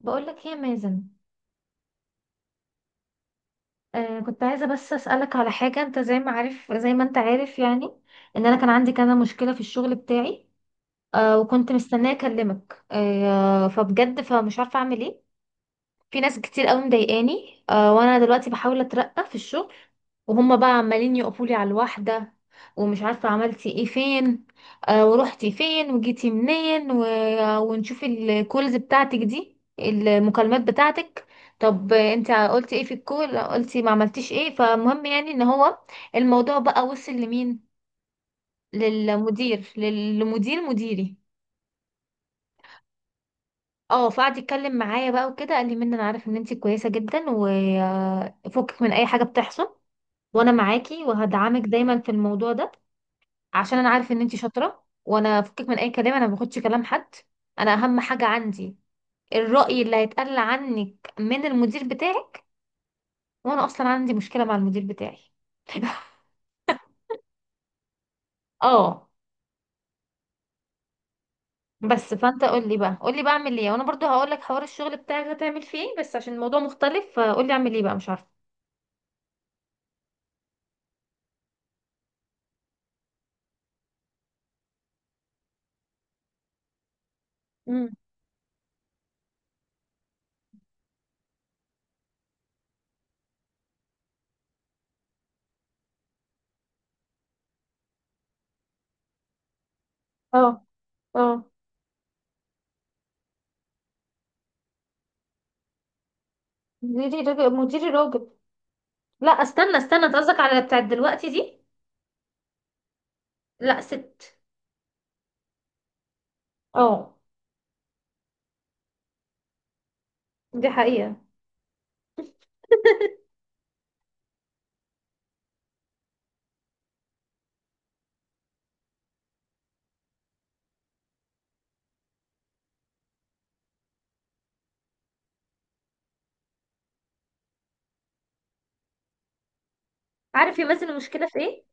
بقولك ايه يا مازن؟ كنت عايزة بس أسألك على حاجة، انت زي ما انت عارف، يعني ان انا كان عندي كذا مشكلة في الشغل بتاعي. وكنت مستنية اكلمك، فبجد فمش عارفة اعمل ايه. في ناس كتير قوي مضايقاني، وانا دلوقتي بحاول اترقى في الشغل، وهم بقى عمالين يقفولي على الواحده. ومش عارفه عملتي ايه، فين، ورحتي فين، وجيتي منين، ونشوف الكولز بتاعتك دي، المكالمات بتاعتك. طب انت قلتي ايه في الكول؟ قلتي ما عملتيش ايه؟ فمهم يعني ان هو الموضوع بقى وصل لمين. للمدير مديري. اه فقعد يتكلم معايا بقى وكده، قال لي: منى، انا عارف ان انتي كويسه جدا، وفكك من اي حاجه بتحصل، وانا معاكي وهدعمك دايما في الموضوع ده، عشان انا عارف ان انتي شاطره، وانا فكك من اي كلام، انا ما باخدش كلام حد. انا اهم حاجه عندي الراي اللي هيتقال عنك من المدير بتاعي، وانا اصلا عندي مشكله مع المدير بتاعي. اه بس فانت قول لي بقى اعمل ايه، وانا برضو هقول لك حوار الشغل بتاعك هتعمل فيه ايه، بس عشان الموضوع مختلف، فقول لي اعمل ايه بقى، مش عارفه. امم اه، اه، مديري راجل، مديري راجل. لا، استنى استنى، انت قصدك على بتاعت دلوقتي دي؟ لا ست. اه. دي حقيقة. عارف يا مازن المشكلة في ايه؟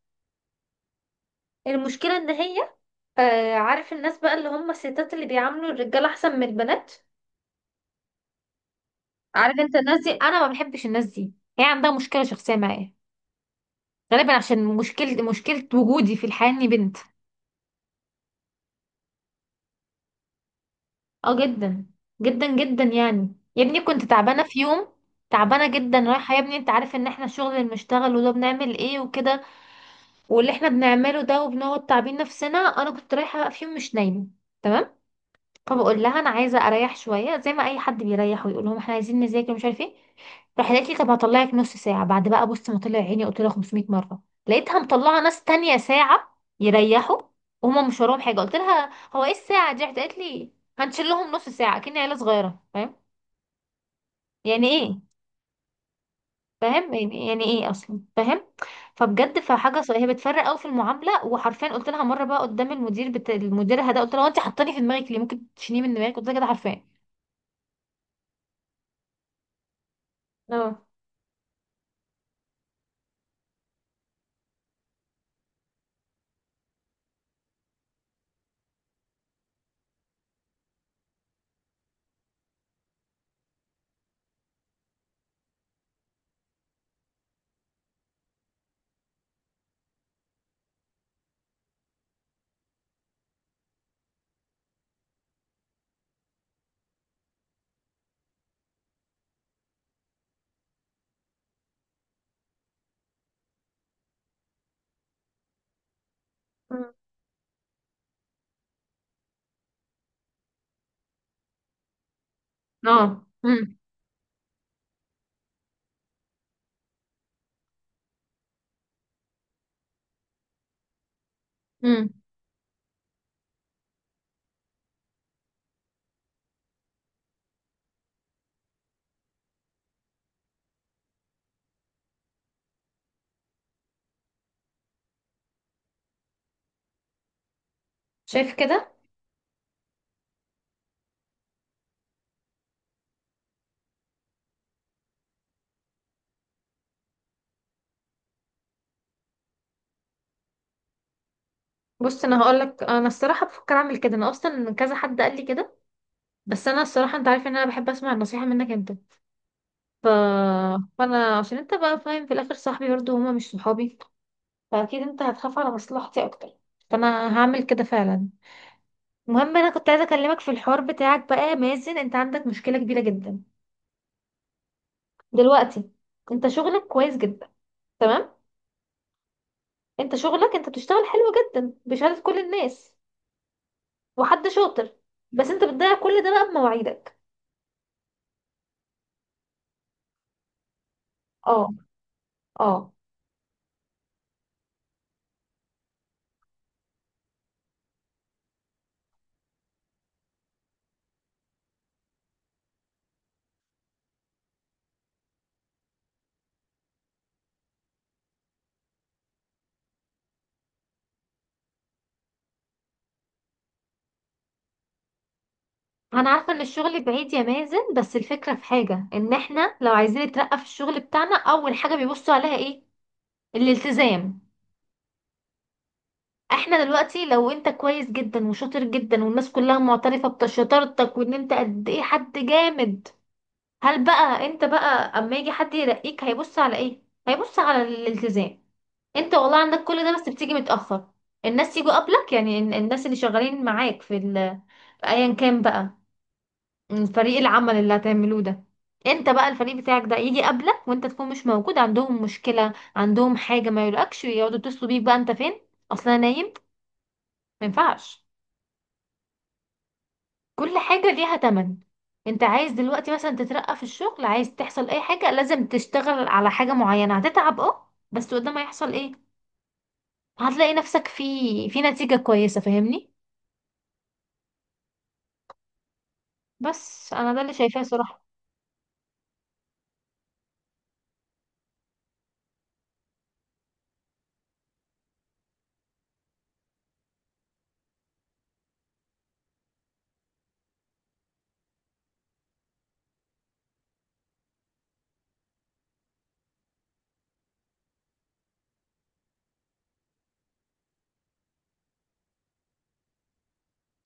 المشكلة ان هي، عارف الناس بقى اللي هم الستات اللي بيعاملوا الرجالة احسن من البنات؟ عارف انت الناس دي؟ انا ما بحبش الناس دي. هي عندها مشكلة شخصية معايا، غالبا عشان مشكلة مشكلة وجودي في الحياة اني بنت. اه جدا، جدا جدا يعني. يا ابني كنت تعبانة في يوم، تعبانة جدا، رايحة، يا ابني انت عارف ان احنا الشغل اللي بنشتغله ده بنعمل ايه وكده، واللي احنا بنعمله ده، وبنقعد تعبين نفسنا. انا كنت رايحه في يوم مش نايمه، تمام؟ فبقول لها: انا عايزه اريح شويه، زي ما اي حد بيريح، ويقول لهم احنا عايزين نذاكر، مش عارف ايه. راح قالت لي: طب هطلعك نص ساعه. بعد بقى، بص، ما طلع عيني، قلت لها 500 مره، لقيتها مطلعه ناس تانية ساعه يريحوا وهم مش وراهم حاجه. قلت لها: هو ايه الساعه دي؟ راحت قالت لي: هنشيل لهم نص ساعه. كأني عيله صغيره، فاهم؟ يعني ايه؟ فاهم؟ يعني ايه اصلا؟ فاهم؟ فبجد فحاجه هي بتفرق قوي في المعامله. وحرفيا قلت لها مره بقى قدام المدير، المدير ده، قلت لها: هو انت حطاني في دماغك ليه؟ ممكن تشيليه من دماغك؟ قلت لها كده حرفيا. اه. مم. اه. امم شايف كده؟ بص، انا هقول لك، انا الصراحه بفكر اعمل كده، انا اصلا كذا حد قال لي كده، بس انا الصراحه انت عارف ان انا بحب اسمع النصيحه منك انت، ف... فانا عشان انت بقى فاهم في الاخر، صاحبي برضو، هما مش صحابي، فاكيد انت هتخاف على مصلحتي اكتر، فانا هعمل كده فعلا. المهم، انا كنت عايزه اكلمك في الحوار بتاعك بقى يا مازن، انت عندك مشكله كبيره جدا دلوقتي. انت شغلك كويس جدا، تمام؟ انت شغلك، انت بتشتغل حلو جدا بشهاده كل الناس، وحد شاطر. بس انت بتضيع كل ده بقى بمواعيدك. اه. اه، انا عارفه ان الشغل بعيد يا مازن، بس الفكره في حاجه، ان احنا لو عايزين نترقى في الشغل بتاعنا، اول حاجه بيبصوا عليها ايه؟ الالتزام. احنا دلوقتي لو انت كويس جدا وشاطر جدا، والناس كلها معترفه بشطارتك وان انت قد ايه حد جامد، هل بقى انت بقى اما يجي حد يرقيك هيبص على ايه؟ هيبص على الالتزام. انت والله عندك كل ده، بس بتيجي متأخر. الناس يجوا قبلك، يعني الناس اللي شغالين معاك في في ايا كان بقى، فريق العمل اللي هتعملوه ده، انت بقى الفريق بتاعك ده يجي قبلك وانت تكون مش موجود، عندهم مشكلة، عندهم حاجة، ما يقولكش، يقعدوا يتصلوا بيك بقى، انت فين؟ اصلا نايم. ما ينفعش. كل حاجة ليها تمن. انت عايز دلوقتي مثلا تترقى في الشغل، عايز تحصل اي حاجة، لازم تشتغل على حاجة معينة، هتتعب، اه، بس قدام هيحصل ايه؟ هتلاقي نفسك في نتيجة كويسة، فاهمني؟ بس انا ده اللي شايفاه صراحة.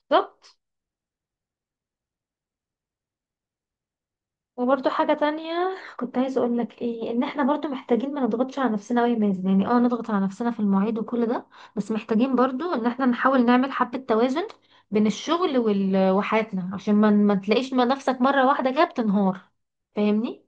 بالظبط. وبرضه حاجة تانية كنت عايزة اقول لك ايه، ان احنا برضه محتاجين ما نضغطش على نفسنا أوي يا مازن، يعني اه نضغط على نفسنا في المواعيد وكل ده، بس محتاجين برضه ان احنا نحاول نعمل حبة توازن بين الشغل وحياتنا، عشان ما تلاقيش ما نفسك مرة واحدة كده بتنهار، فاهمني؟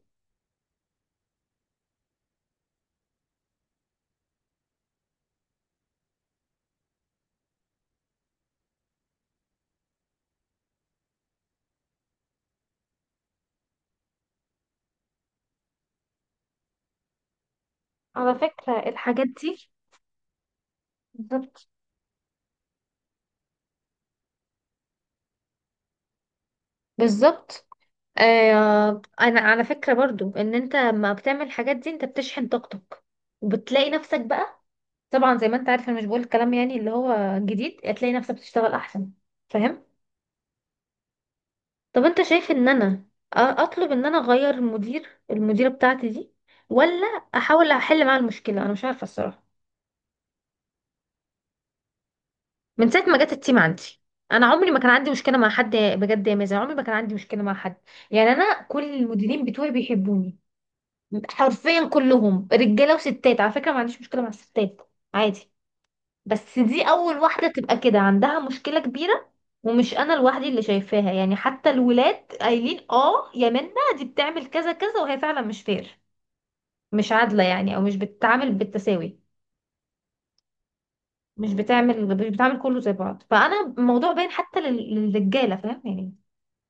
على فكرة الحاجات دي بالظبط. بالظبط. آه، انا على فكرة برضو ان انت لما بتعمل الحاجات دي انت بتشحن طاقتك، وبتلاقي نفسك بقى، طبعا زي ما انت عارف انا مش بقول الكلام يعني اللي هو جديد، هتلاقي نفسك بتشتغل احسن، فاهم؟ طب انت شايف ان انا اطلب ان انا اغير مدير، المديره بتاعتي دي، ولا احاول احل معاها المشكله؟ انا مش عارفه الصراحه. من ساعه ما جت التيم عندي، انا عمري ما كان عندي مشكله مع حد بجد يا مازن، عمري ما كان عندي مشكله مع حد. يعني انا كل المديرين بتوعي بيحبوني، حرفيا كلهم، رجاله وستات، على فكره، ما عنديش مشكله مع الستات، عادي. بس دي اول واحده تبقى كده عندها مشكله كبيره، ومش انا لوحدي اللي شايفاها يعني، حتى الولاد قايلين: اه يا منى، دي بتعمل كذا كذا، وهي فعلا مش فير، مش عادله يعني، او مش بتتعامل بالتساوي، مش بتعمل، مش بتعمل كله زي بعض. فانا الموضوع باين حتى للرجاله، فاهم يعني،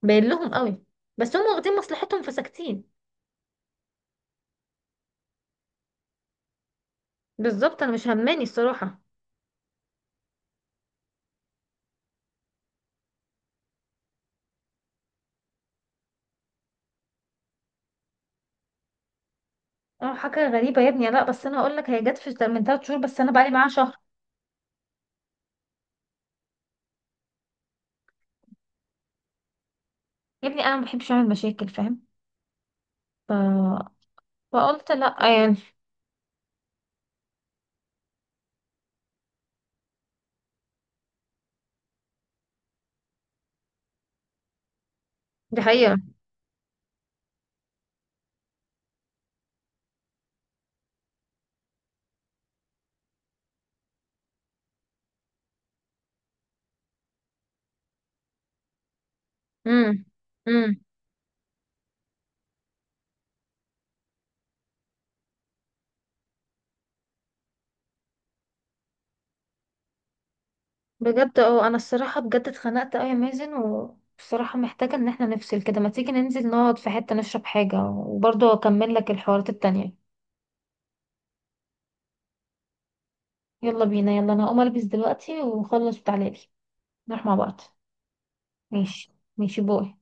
باين لهم قوي، بس هم واخدين مصلحتهم فساكتين. بالظبط، انا مش هماني الصراحه. اه حاجه غريبه يا ابني، لا بس انا هقول لك، هي جت في من 3 شهور، بس انا بقالي معاها شهر. يا ابني انا ما بحبش اعمل مشاكل، فاهم؟ ف فقلت لأ يعني. دي حقيقة. امم امم بجد انا الصراحة بجد اتخنقت اوي يا مازن، وبصراحة محتاجة ان احنا نفصل كده، ما تيجي ننزل نقعد في حتة نشرب حاجة، وبرضه اكمل لك الحوارات التانية. يلا بينا، يلا، انا هقوم البس دلوقتي ونخلص وتعالي نروح مع بعض. ماشي. ماشي، باي.